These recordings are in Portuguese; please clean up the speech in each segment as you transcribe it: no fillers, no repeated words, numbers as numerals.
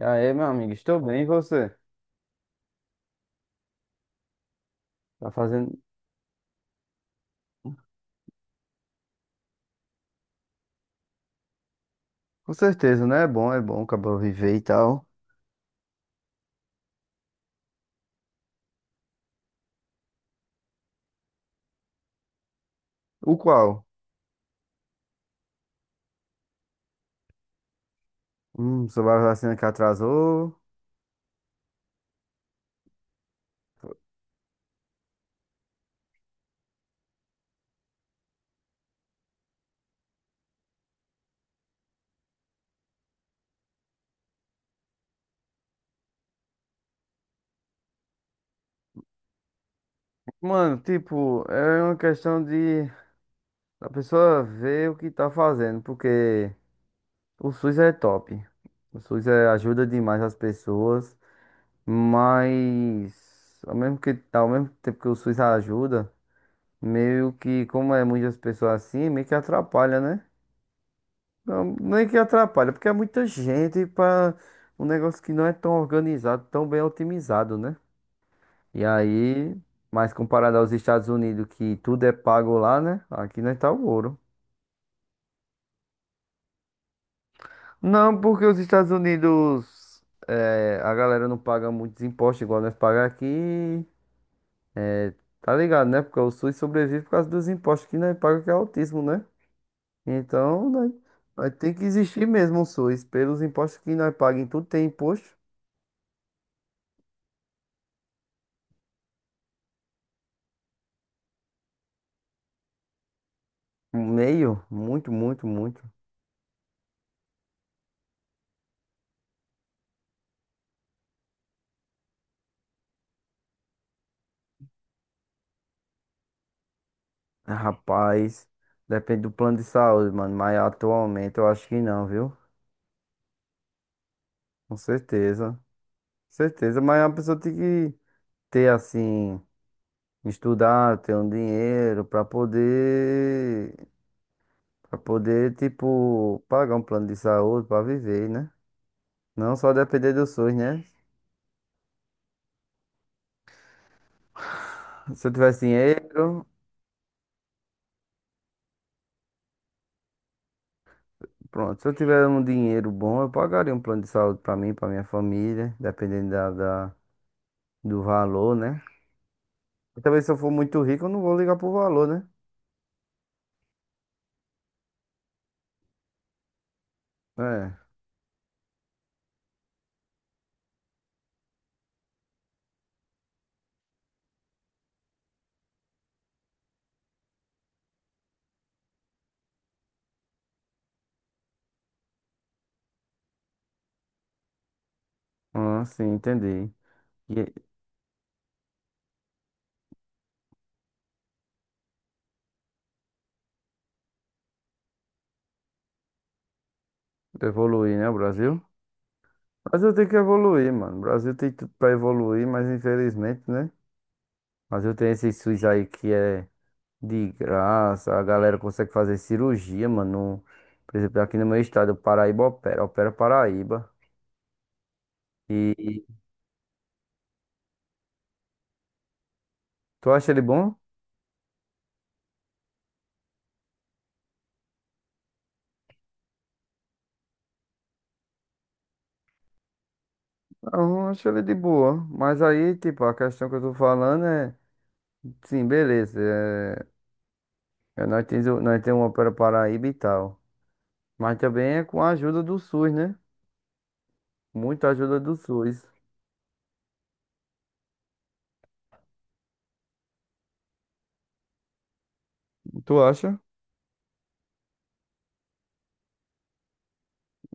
E aí, meu amigo, estou bem, e você? Tá fazendo? Com certeza, né? É bom, acabou viver e tal. O qual? Sobre a vacina que atrasou. Mano, tipo, é uma questão de a pessoa ver o que tá fazendo, porque o SUS é top. Ajuda demais as pessoas, mas ao mesmo tempo que o SUS ajuda, meio que, como é muitas pessoas assim, meio que atrapalha, né? Não, nem que atrapalha, porque é muita gente para um negócio que não é tão organizado, tão bem otimizado, né? E aí, mas comparado aos Estados Unidos, que tudo é pago lá, né? Aqui não tá o ouro. Não, porque os Estados Unidos, é, a galera não paga muitos impostos igual nós pagamos aqui. é, Tá ligado, né? Porque o SUS sobrevive por causa dos impostos que nós pagamos, que é altíssimo, né? Então, né? Vai ter que existir mesmo o SUS. Pelos impostos que nós pagamos, tudo tem imposto. Um meio? Muito, muito, muito. Ah, rapaz, depende do plano de saúde, mano. Mas atualmente eu acho que não, viu? Com certeza. Certeza, mas a pessoa tem que ter assim, estudar, ter um dinheiro pra poder, para poder, tipo, pagar um plano de saúde pra viver, né? Não só depender do SUS, né? Se eu tivesse dinheiro, pronto. Se eu tiver um dinheiro bom, eu pagaria um plano de saúde pra mim, pra minha família, dependendo do valor, né? E talvez se eu for muito rico, eu não vou ligar pro valor, né? É. Ah, sim, entendi. E evoluir, né, o Brasil? O Brasil tem que evoluir, mano. O Brasil tem tudo pra evoluir, mas infelizmente, né? O Brasil tem esse SUS aí que é de graça, a galera consegue fazer cirurgia, mano. Por exemplo, aqui no meu estado, o Paraíba opera, opera Paraíba. E tu acha ele bom? Não, eu acho ele de boa. Mas aí, tipo, a questão que eu tô falando é. Sim, beleza. É, nós temos, nós temos uma para Paraíba e tal. Mas também é com a ajuda do SUS, né? Muita ajuda do SUS. Tu acha?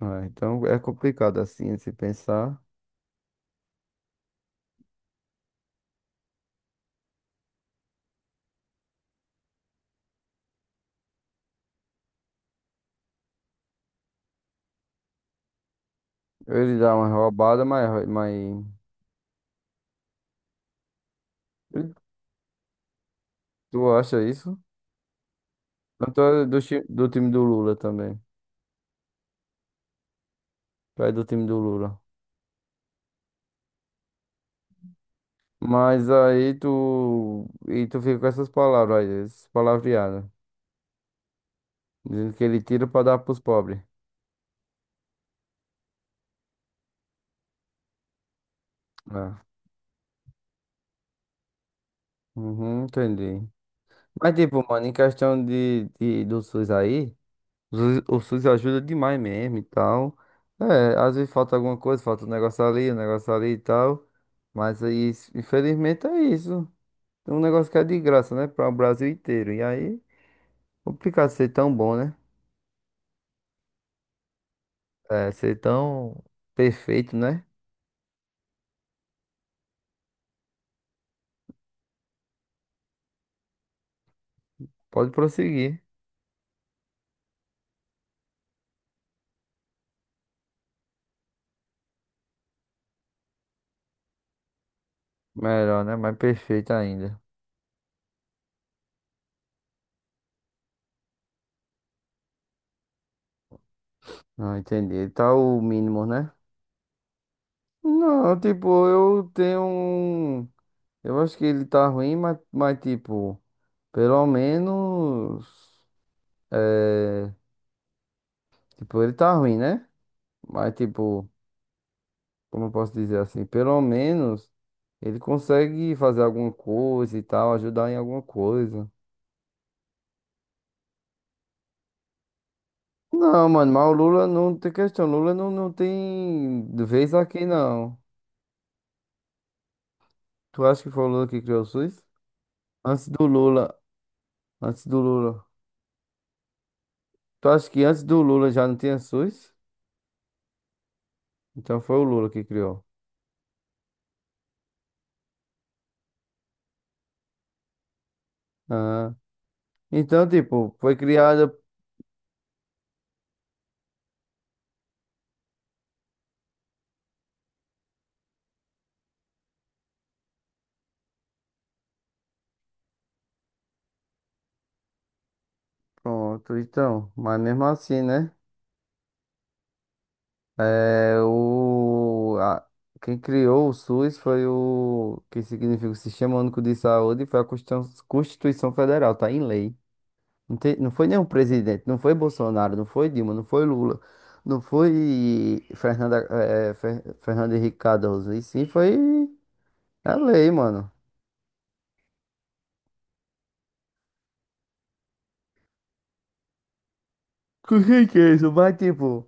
Ah, então é complicado assim se pensar. Ele dá uma roubada, mas... Tu acha isso? Tanto tô do, do time do Lula também. Tu é do time do Lula. Mas aí tu. E tu fica com essas palavras aí, essas palavreadas. Dizendo que ele tira pra dar pros pobres. É. Uhum, entendi. Mas, tipo, mano, em questão do SUS aí, o SUS ajuda demais mesmo e tal. É, às vezes falta alguma coisa, falta um negócio ali e tal. Mas aí, infelizmente, é isso. É um negócio que é de graça, né? Para o Brasil inteiro. E aí, complicado ser tão bom, né? É, ser tão perfeito, né? Pode prosseguir. Melhor, né? Mais perfeito ainda. Não, entendi. Tá o mínimo, né? Não, tipo, eu tenho. Um eu acho que ele tá ruim, mas tipo, pelo menos. É, tipo, ele tá ruim, né? Mas, tipo, como eu posso dizer assim? Pelo menos ele consegue fazer alguma coisa e tal, ajudar em alguma coisa. Não, mano, mas o Lula não tem questão. Lula não tem vez aqui, não. Tu acha que foi o Lula que criou o SUS? Antes do Lula. Antes do Lula. Tu acha que antes do Lula já não tinha SUS? Então foi o Lula que criou. Ah. Então, tipo, foi criada. Pronto, então. Mas mesmo assim, né? É, quem criou o SUS foi o que significa o Sistema Único de Saúde, foi a Constituição Federal, tá em lei. Não, não foi nenhum presidente, não foi Bolsonaro, não foi Dilma, não foi Lula, não foi Fernanda, Fernando Henrique Cardoso, e sim foi a lei, mano. O que que é isso? Vai, tipo,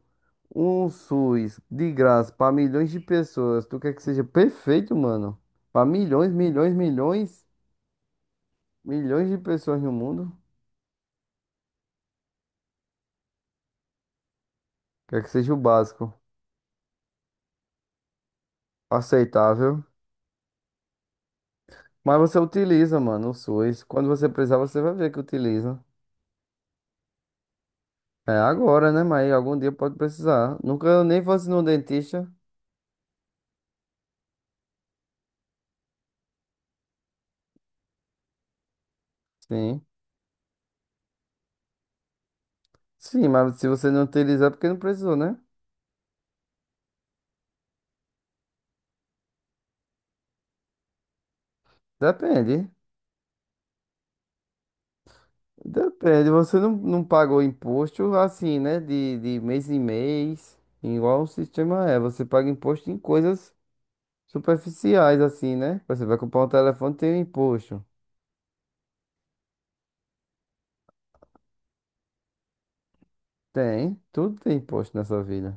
um SUS de graça pra milhões de pessoas. Tu quer que seja perfeito, mano? Pra milhões, milhões, milhões, milhões de pessoas no mundo. Quer que seja o básico, aceitável. Mas você utiliza, mano, o SUS. Quando você precisar, você vai ver que utiliza. É agora, né? Mas algum dia pode precisar. Nunca eu nem fosse no dentista. Sim. Sim, mas se você não utilizar, é porque não precisou, né? Depende. Depende, você não paga o imposto assim, né? De mês em mês, igual o sistema é. Você paga imposto em coisas superficiais, assim, né? Você vai comprar um telefone, tem um imposto. Tem, tudo tem imposto nessa vida.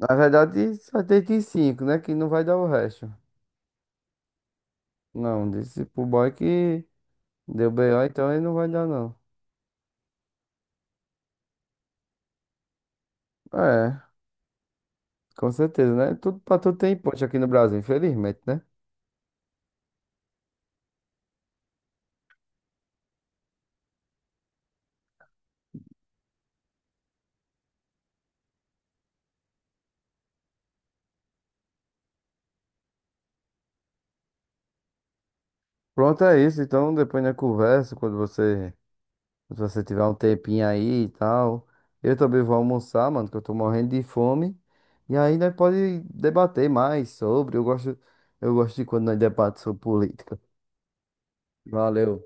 Na verdade, só tem de cinco, né? Que não vai dar o resto. Não, disse pro boy que deu BO, então ele não vai dar, não. É, com certeza, né? Tudo pra tudo tem imposto aqui no Brasil, infelizmente, né? Pronto, é isso. Então, depois na conversa, quando você. Se você tiver um tempinho aí e tal. Eu também vou almoçar, mano, que eu tô morrendo de fome. E aí nós pode debater mais sobre. Eu gosto de quando nós debatemos sobre política. Valeu.